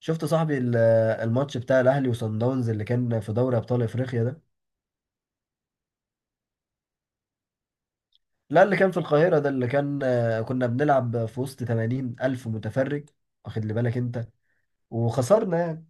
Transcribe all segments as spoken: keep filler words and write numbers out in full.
شفت صاحبي ال- الماتش بتاع الاهلي وصن داونز اللي كان في دوري ابطال افريقيا ده. لا، اللي كان في القاهره ده اللي كان، آه، كنا بنلعب في وسط ثمانين الف متفرج. واخد لي بالك انت. وخسرنا يعني.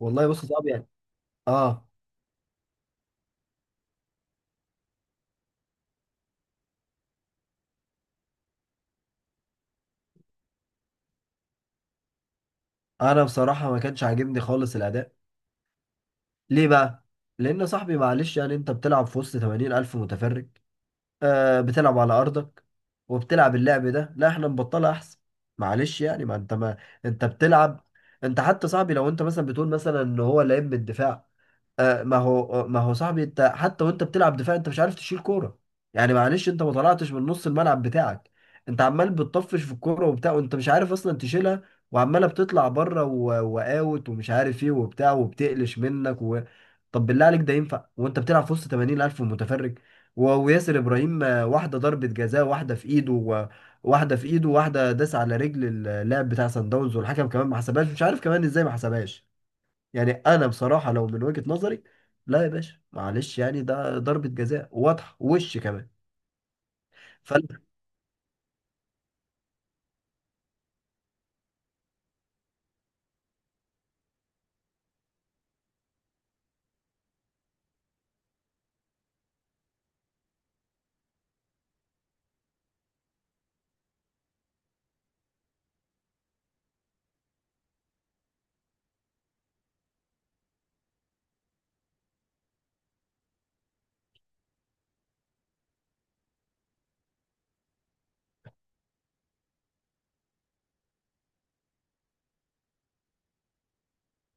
والله بص يا صاحبي يعني. اه. انا بصراحه ما كانش عاجبني خالص الاداء. ليه بقى؟ لان يا صاحبي معلش يعني انت بتلعب في وسط ثمانين الف متفرج، آه بتلعب على ارضك وبتلعب اللعب ده. لا احنا نبطلها احسن. معلش يعني، ما انت ما انت بتلعب. انت حتى صاحبي لو انت مثلا بتقول مثلا ان هو لعيب من الدفاع. آه، ما هو ما هو صاحبي، انت حتى وانت بتلعب دفاع انت مش عارف تشيل كوره. يعني معلش انت ما طلعتش من نص الملعب بتاعك. انت عمال بتطفش في الكوره وبتاع وانت مش عارف اصلا تشيلها. وعماله بتطلع بره و- واوت ومش عارف ايه وبتاع وبتقلش منك و... طب بالله عليك ده ينفع وانت بتلعب في وسط ثمانين ألف متفرج؟ و- وياسر ابراهيم، آه، واحده ضربه جزاء واحده في ايده و... واحده في ايده، واحده داس على رجل اللاعب بتاع سان داونز، والحكم كمان ما حسبهاش. مش عارف كمان ازاي ما حسبهاش. يعني انا بصراحه لو من وجهه نظري، لا يا باشا معلش يعني ده ضربه جزاء واضحه وش كمان. ف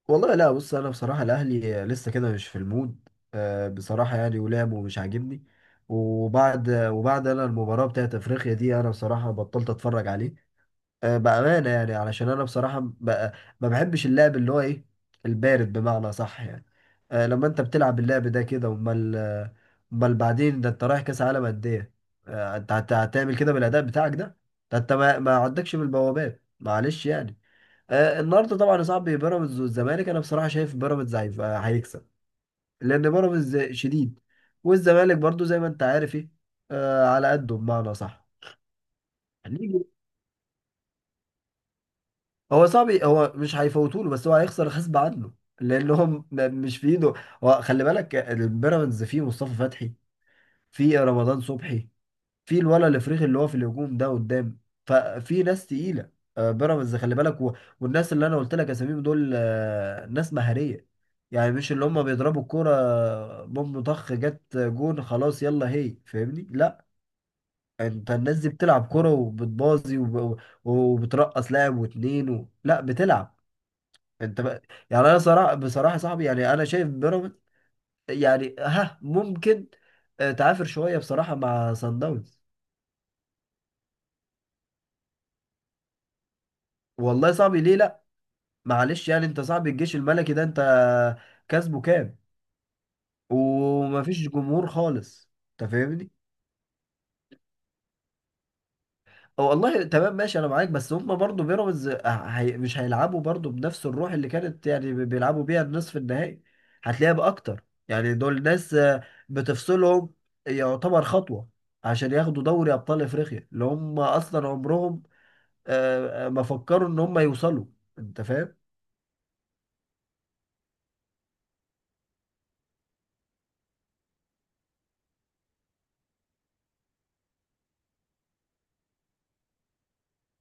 والله لا، بص انا بصراحه الاهلي لسه كده مش في المود. آه، بصراحه يعني ولعبه مش عاجبني. وبعد وبعد انا المباراه بتاعت افريقيا دي انا بصراحه بطلت اتفرج عليه. آه، بأمانة يعني، علشان أنا بصراحة ب- ما بحبش اللعب اللي هو إيه؟ البارد بمعنى صح يعني. آه، لما أنت بتلعب اللعب ده كده أمال؟ آه، أمال بعدين ده أنت رايح كأس عالم قد إيه؟ آه، أنت هت- هتعمل كده بالأداء بتاعك ده؟ ده أنت ما, ما عندكش من البوابات معلش يعني. آه، النهاردة طبعا يا صاحبي بيراميدز والزمالك، أنا بصراحة شايف بيراميدز هيبقى- هيكسب. لأن بيراميدز شديد. والزمالك برضو زي ما أنت عارف إيه، آه، على قده بمعنى صح. هو صعب، هو مش هيفوتوا له، بس هو هيخسر غصب عنه. لانهم م- مش في ايده. هو خلي بالك البيراميدز فيه مصطفى فتحي، فيه رمضان صبحي، فيه الولد الافريقي اللي هو في الهجوم ده قدام. ففي ناس تقيله، آه، بيراميدز خلي بالك و... والناس اللي انا قلت لك اساميهم دول، آه، ناس مهاريه. يعني مش اللي هم بيضربوا الكوره بوم طخ جت جون خلاص يلا هي فاهمني، لا، انت الناس دي بتلعب كوره وبتبازي وب... وبترقص لاعب واتنين و... لا، بتلعب انت بقى. يعني انا صراحه بصراحه يا صاحبي، يعني انا شايف بيراميدز يعني ها ممكن، آه، تعافر شويه بصراحه مع سان داونز. والله صعب، ليه لا؟ معلش يعني انت صعب الجيش الملكي ده، انت كسبه كام؟ ومفيش جمهور خالص. انت فاهمني. هو والله تمام ماشي انا معاك، بس هم برضو بيراميدز هي مش هيلعبوا برضو بنفس الروح اللي كانت يعني بي- بيلعبوا بيها النصف النهائي. هتلاقيها باكتر يعني، دول ناس، آه، بتفصلهم. يعتبر خطوة عشان ياخدوا دوري ابطال افريقيا اللي هم اصلا عمرهم آه، آه، ما فكروا ان هم يوصلوا. انت فاهم.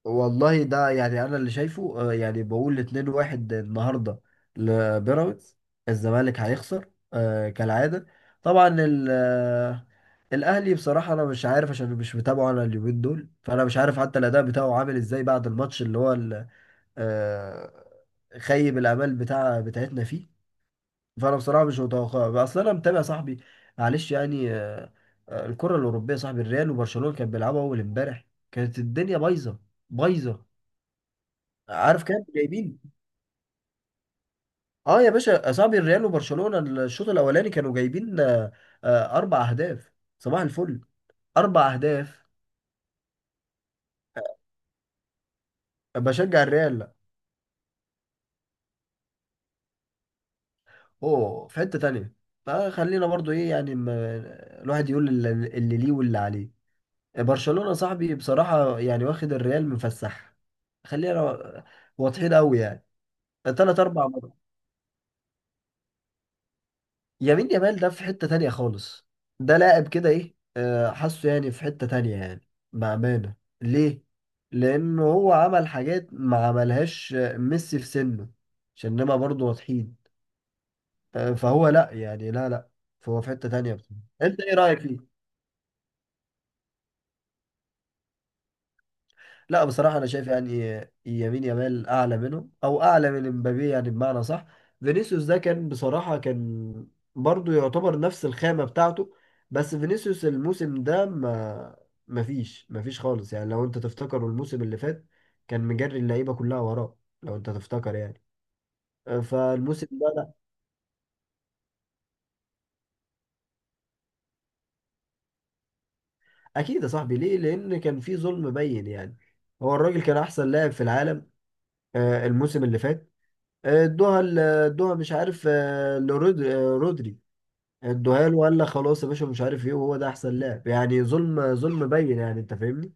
والله ده يعني انا اللي شايفه، آه، يعني بقول اتنين واحد النهارده لبيراميدز. الزمالك هيخسر، آه، كالعاده. طبعا ال- آه، الاهلي بصراحه انا مش عارف عشان مش متابعه انا اليومين دول. فانا مش عارف حتى الاداء بتاعه عامل ازاي بعد الماتش اللي هو ال- آه، خيب الامال بتاع بتاعتنا فيه. فانا بصراحه مش متوقع اصلا انا متابع صاحبي، معلش يعني. آه، آه، الكره الاوروبيه صاحبي الريال وبرشلونه كانت بيلعبوا اول امبارح. كانت الدنيا بايظه، بايظه. عارف كام جايبين؟ اه يا باشا يا صاحبي الريال وبرشلونة، الشوط الاولاني كانوا جايبين، آه، آه، اربع اهداف. صباح الفل. اربع اهداف. بشجع الريال. اوه، في حتة تانية. فخلينا برضو ايه يعني، ما الواحد يقول اللي اللي ليه واللي عليه. برشلونة صاحبي بصراحة يعني واخد الريال مفسح. خلينا واضحين قوي يعني. تلات اربع. يمين يامال ده في حتة تانية خالص. ده لاعب كده ايه، آه، حاسه يعني في حتة تانية يعني، بأمانة. ليه؟ لأنه هو عمل حاجات ما عملهاش آه، ميسي في سنه، عشان نبقى برضه واضحين. آه، فهو لأ، يعني لا، لأ، فهو في حتة تانية بصراحة. أنت إيه رأيك فيه؟ لا بصراحة أنا شايف يعني يمين يامال أعلى منه أو أعلى من امبابي يعني بمعنى صح. فينيسيوس ده كان بصراحة، كان برضو يعتبر نفس الخامة بتاعته. بس فينيسيوس الموسم ده ما ما فيش ما فيش خالص يعني. لو أنت تفتكر الموسم اللي فات كان مجري اللعيبة كلها وراه، لو أنت تفتكر يعني، فالموسم ده لا. أكيد يا صاحبي، ليه؟ لأن كان في ظلم بين يعني. هو الراجل كان أحسن لاعب في العالم آه، الموسم اللي فات. ادوها ال- ادوها، مش عارف آه، لرود- آه، رودري. ادوها له وقال لك خلاص يا باشا مش عارف ايه، وهو ده احسن لاعب، يعني ظلم، ظلم بين يعني، انت فاهمني.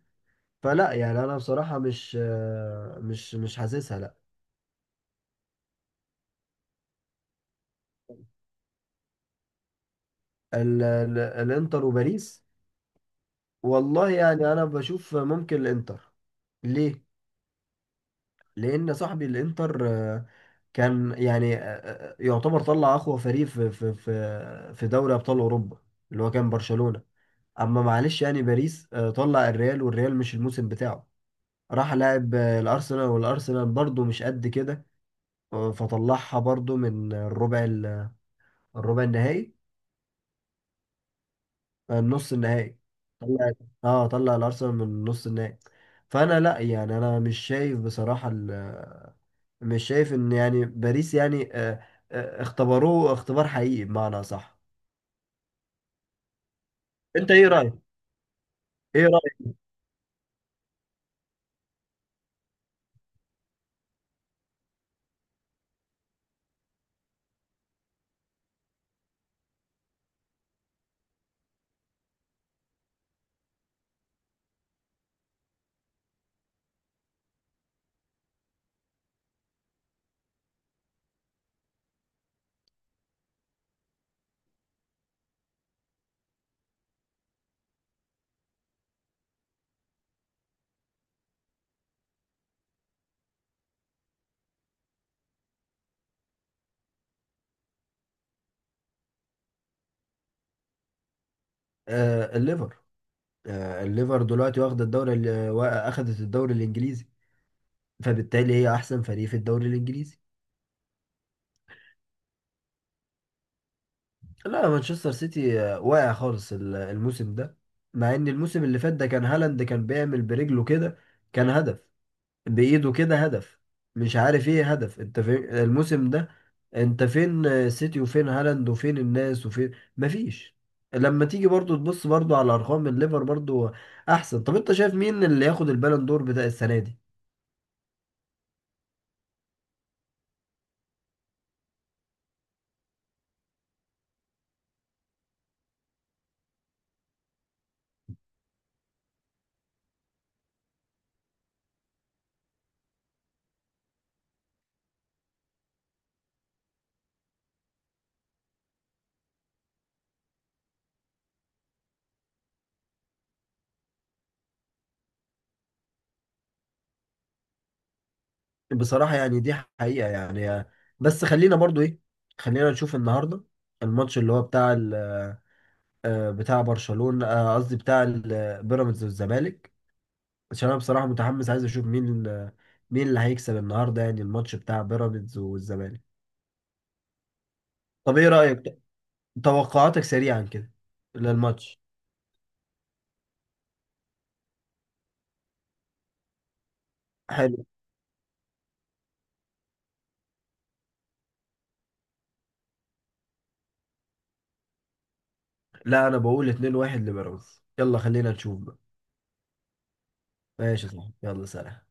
فلا يعني انا بصراحة مش، آه، مش مش حاسسها لا. ال- ال- الانتر وباريس، والله يعني انا بشوف ممكن الانتر. ليه؟ لان صاحبي الانتر، آه، كان يعني آه، آه، يعتبر طلع اقوى فريق في في في في دوري ابطال اوروبا، اللي هو كان برشلونة. اما معلش يعني باريس، آه، طلع الريال، والريال مش الموسم بتاعه. راح لعب آه، الارسنال، والارسنال برضه مش قد كده، آه، فطلعها برضه من الربع ال- الربع النهائي، آه، النص النهائي. طلع. اه طلع الارسنال من نص النهائي. فانا لا، يعني انا مش شايف بصراحة، ال- مش شايف ان يعني باريس يعني آه، آه، اختبروه اختبار حقيقي بمعنى صح. انت ايه رايك؟ ايه رايك؟ آه الليفر، آه الليفر دلوقتي واخد الدوري ال- وا- اخدت الدوري الانجليزي، فبالتالي هي احسن فريق في الدوري الانجليزي. لا، مانشستر سيتي، آه، واقع خالص ال- الموسم ده. مع ان الموسم اللي فات ده كان هالاند كان بيعمل برجله كده، كان هدف، بايده كده هدف، مش عارف ايه هدف. انت فين الموسم ده؟ انت فين، آه، سيتي وفين هالاند وفين الناس وفين؟ مفيش. لما تيجي برضو تبص برضو على ارقام الليفر برضو احسن. طب انت شايف مين اللي ياخد البالون دور بتاع السنة دي؟ بصراحة يعني دي حقيقة يعني. بس خلينا برضو ايه، خلينا نشوف النهاردة الماتش اللي هو بتاع ال- آه، بتاع برشلونة، آه، قصدي بتاع ال- آه، بيراميدز والزمالك. عشان انا بصراحة متحمس عايز اشوف مين ال- مين اللي هيكسب النهاردة يعني الماتش بتاع بيراميدز والزمالك. طب ايه رأيك؟ توقعاتك سريعا كده للماتش. حلو. لا انا بقول اتنين واحد لبيراميدز، يلا خلينا نشوف بقى. ماشي صح، يلا سلام.